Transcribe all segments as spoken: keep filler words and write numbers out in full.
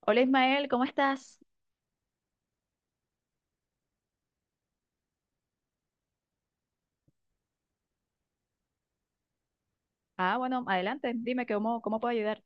Hola Ismael, ¿cómo estás? Ah, bueno, adelante, dime que cómo, cómo puedo ayudar.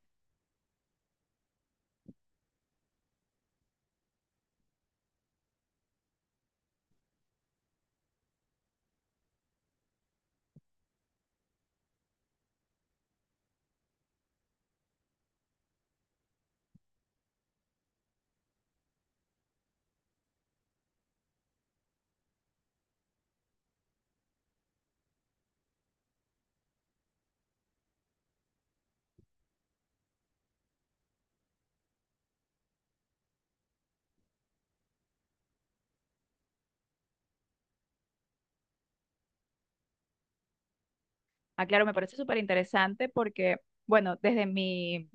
Ah, claro, me parece súper interesante porque, bueno, desde mi,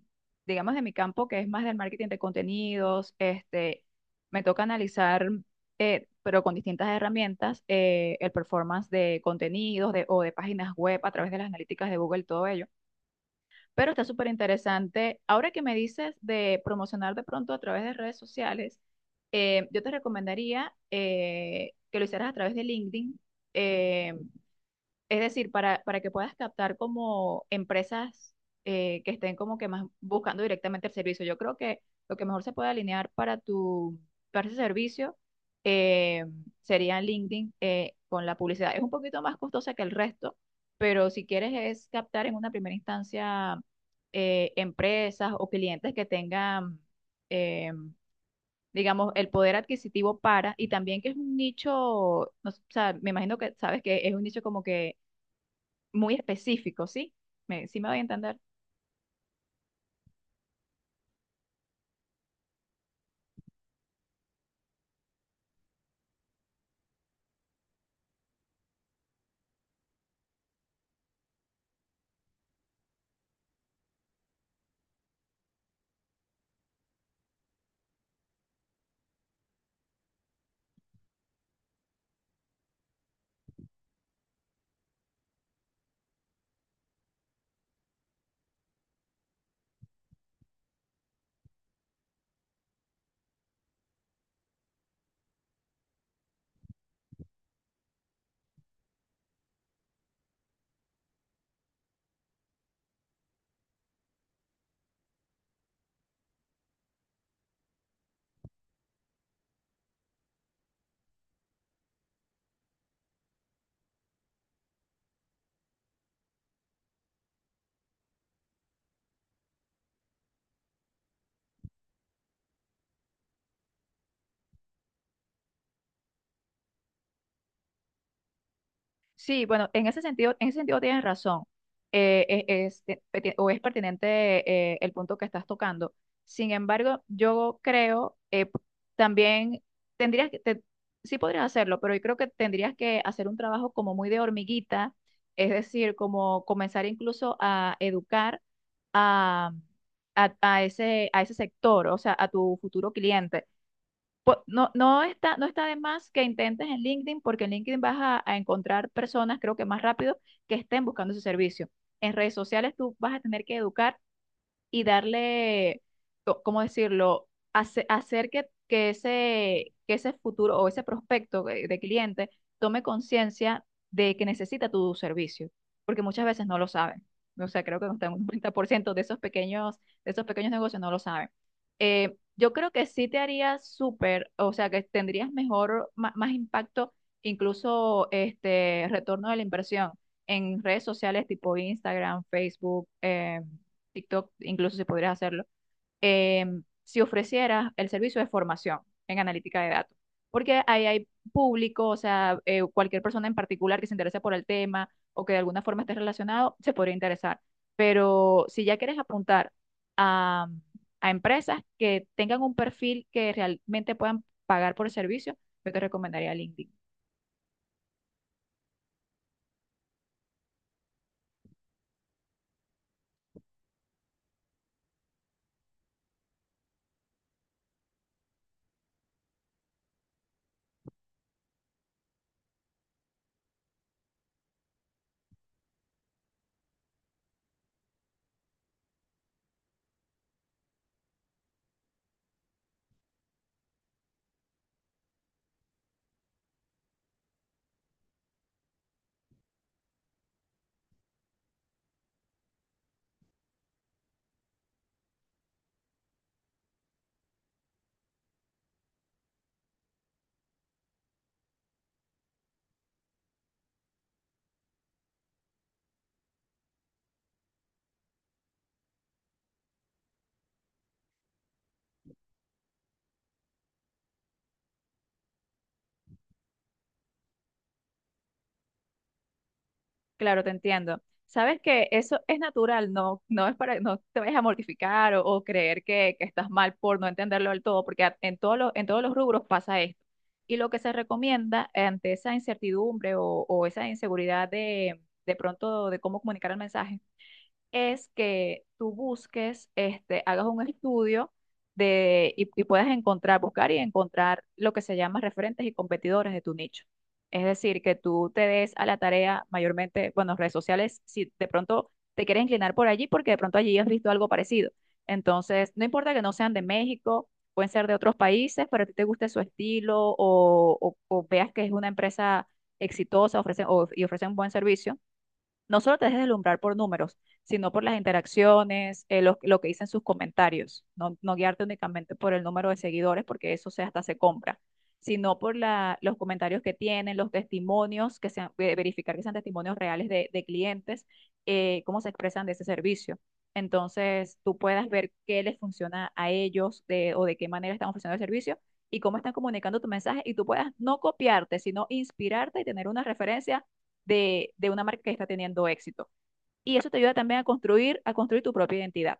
digamos, de mi campo, que es más del marketing de contenidos, este, me toca analizar, eh, pero con distintas herramientas, eh, el performance de contenidos de, o de páginas web a través de las analíticas de Google, todo ello. Pero está súper interesante. Ahora que me dices de promocionar de pronto a través de redes sociales, eh, yo te recomendaría eh, que lo hicieras a través de LinkedIn. Eh, es decir, para, para que puedas captar como empresas eh, que estén como que más buscando directamente el servicio. Yo creo que lo que mejor se puede alinear para tu, para ese servicio eh, sería LinkedIn eh, con la publicidad. Es un poquito más costosa que el resto, pero si quieres es captar en una primera instancia eh, empresas o clientes que tengan, eh, digamos, el poder adquisitivo para, y también que es un nicho, no s- o sea, me imagino que sabes que es un nicho como que muy específico, ¿sí? Me, sí me voy a entender. Sí, bueno, en ese sentido, en ese sentido tienes razón. Eh, e- es, te- peti- o es pertinente eh, el punto que estás tocando. Sin embargo, yo creo eh, p- también tendrías que, te- sí podrías hacerlo, pero yo creo que tendrías que hacer un trabajo como muy de hormiguita, es decir, como comenzar incluso a educar a, a, a ese, a ese sector, o sea, a tu futuro cliente po- No, no está, no está de más que intentes en LinkedIn, porque en LinkedIn vas a, a encontrar personas, creo que más rápido, que estén buscando ese servicio. En redes sociales tú vas a tener que educar y darle, co- ¿cómo decirlo? Hace- hacer que, que ese, que ese futuro o ese prospecto de, de cliente tome conciencia de que necesita tu servicio, porque muchas veces no lo saben. O sea, creo que hasta un noventa por ciento de esos pequeños, de esos pequeños negocios no lo saben. Eh, yo creo que sí te haría súper, o sea, que tendrías mejor, ma- más, impacto, incluso este retorno de la inversión en redes sociales tipo Instagram, Facebook, em, TikTok incluso si pudieras hacerlo, eh, si ofrecieras el servicio de formación en analítica de datos, porque ahí hay público, o sea, eh, cualquier persona en particular que se interese por el tema o que de alguna forma esté relacionado, se podría interesar. Pero si ya quieres apuntar a, a empresas que tengan un perfil que realmente puedan pagar por el servicio, yo te recomendaría LinkedIn. Claro, te entiendo. Sabes que eso es natural, no, no es para, no te vayas a mortificar o, o creer que, que estás mal por no entenderlo del todo, porque a- en todos los, en todos los rubros pasa esto. Y lo que se recomienda ante esa incertidumbre o, o esa inseguridad de, de pronto de cómo comunicar el mensaje, es que tú busques, este, hagas un estudio de, y, y puedas encontrar, buscar y encontrar lo que se llama referentes y competidores de tu nicho. Es decir, que tú te des a la tarea mayormente, bueno, redes sociales, si de pronto te quieres inclinar por allí, porque de pronto allí has visto algo parecido. Entonces, no importa que no sean de México, pueden ser de otros países, pero a ti te guste su estilo o, o- o veas que es una empresa exitosa ofrece, o- y ofrece un buen servicio no solo te dejes deslumbrar por números, sino por las interacciones, eh, lo, lo que dicen sus comentarios. No, no guiarte únicamente por el número de seguidores, porque eso se, hasta se compra, sino por la, los comentarios que tienen, los testimonios, que sean, ve- verificar que sean testimonios reales de, de clientes, eh, cómo se expresan de ese servicio. Entonces, tú puedas ver qué les funciona a ellos de- o de qué manera están ofreciendo el servicio y cómo están comunicando tu mensaje y tú puedas no copiarte, sino inspirarte y tener una referencia de, de una marca que está teniendo éxito. Y eso te ayuda también a construir, a construir tu propia identidad.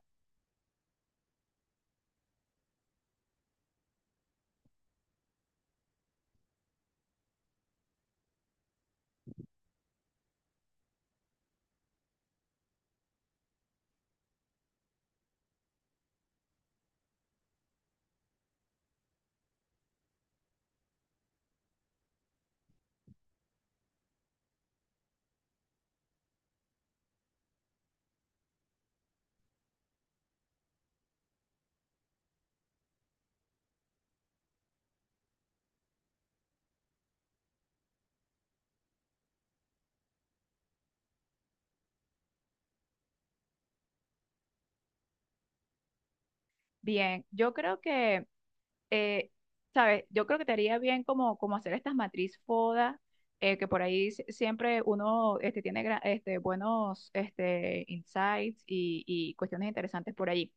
Bien, yo creo que, eh, ¿sabes? Yo creo que te haría bien como, como hacer estas matriz FODA, eh, que por ahí si- siempre uno este, tiene gra- este, buenos este, insights y, y cuestiones interesantes por ahí.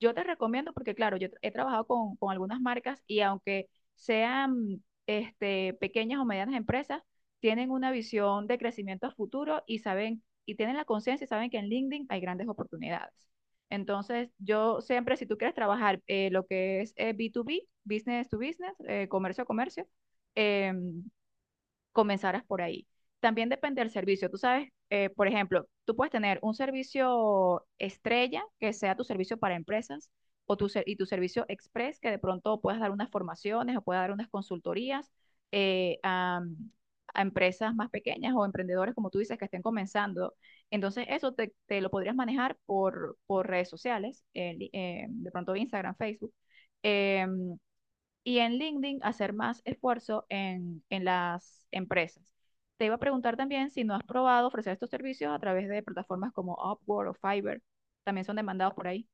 Yo te recomiendo porque, claro, yo he trabajado con, con algunas marcas y aunque sean este, pequeñas o medianas empresas, tienen una visión de crecimiento a futuro y saben, y tienen la conciencia y saben que en LinkedIn hay grandes oportunidades. Entonces, yo siempre, si tú quieres trabajar eh, lo que es eh, B dos B, business to business, eh, comercio a comercio, eh, comenzaras por ahí. También depende del servicio. Tú sabes, eh, por ejemplo, tú puedes tener un servicio estrella, que sea tu servicio para empresas, o tu ser- y tu servicio express, que de pronto puedas dar unas formaciones o puedas dar unas consultorías eh, a, a empresas más pequeñas o emprendedores, como tú dices, que estén comenzando. Entonces, eso te, te lo podrías manejar por, por redes sociales, el- eh, de pronto Instagram, Facebook. Em, y en LinkedIn hacer más esfuerzo en, en las empresas. Te iba a preguntar también si no has probado ofrecer estos servicios a través de plataformas como Upwork o Fiverr. También son demandados por ahí.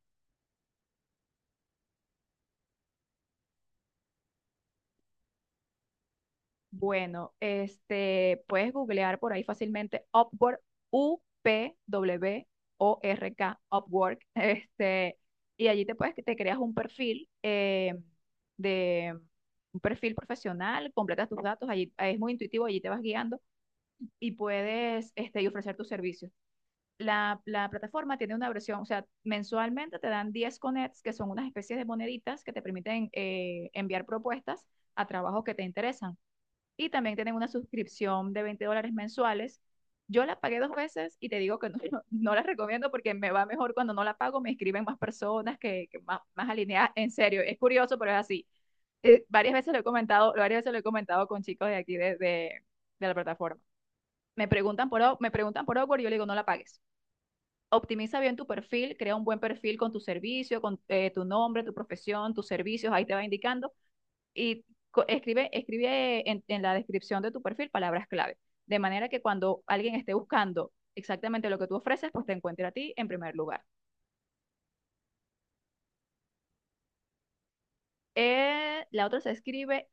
Bueno, este, puedes googlear por ahí fácilmente Upwork, U P W O R K, Upwork. Este, y allí te puedes, te creas un perfil eh, de un perfil profesional, completas tus datos, allí es muy intuitivo, allí te vas guiando y puedes este, y ofrecer tus servicios. La, la, plataforma tiene una versión, o sea, mensualmente te dan diez connects, que son unas especies de moneditas que te permiten eh, enviar propuestas a trabajos que te interesan. Y también tienen una suscripción de veinte dólares mensuales. Yo la pagué dos veces y te digo que no, no la recomiendo porque me va mejor cuando no la pago, me escriben más personas que, que más, más alineadas. En serio, es curioso, pero es así. Eh, varias veces lo he comentado, varias veces lo he comentado con chicos de aquí de, de, de la plataforma me preguntan por, me preguntan por Upwork y yo le digo, no la pagues. Optimiza bien tu perfil, crea un buen perfil con tu servicio, con eh, tu nombre, tu profesión, tus servicios, ahí te va indicando. Y escribe, escribe en, en la descripción de tu perfil palabras clave, de manera que cuando alguien esté buscando exactamente lo que tú ofreces, pues te encuentre a ti en primer lugar. Eh, la otra se escribe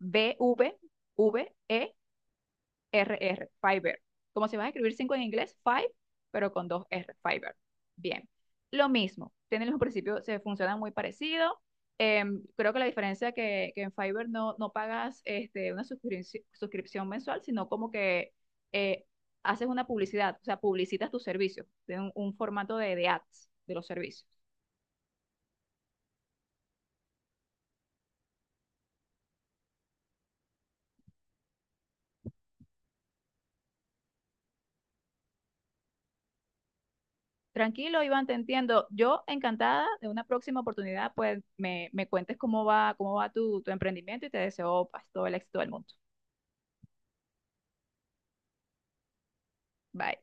F I B V V E R R, Fiverr. Como si vas a escribir cinco en inglés, five, pero con dos R, Fiverr. Bien. Lo mismo, tienen los principios, se funcionan muy parecido. Em, creo que la diferencia que, que en Fiverr no, no pagas este, una suscripci- suscripción mensual, sino como que eh, haces una publicidad, o sea, publicitas tus servicios, tienen un, un formato de, de ads de los servicios. Tranquilo, Iván, te entiendo. Yo encantada de una próxima oportunidad, pues me, me cuentes cómo va, cómo va tu, tu emprendimiento y te deseo pues, todo el éxito del mundo. Bye.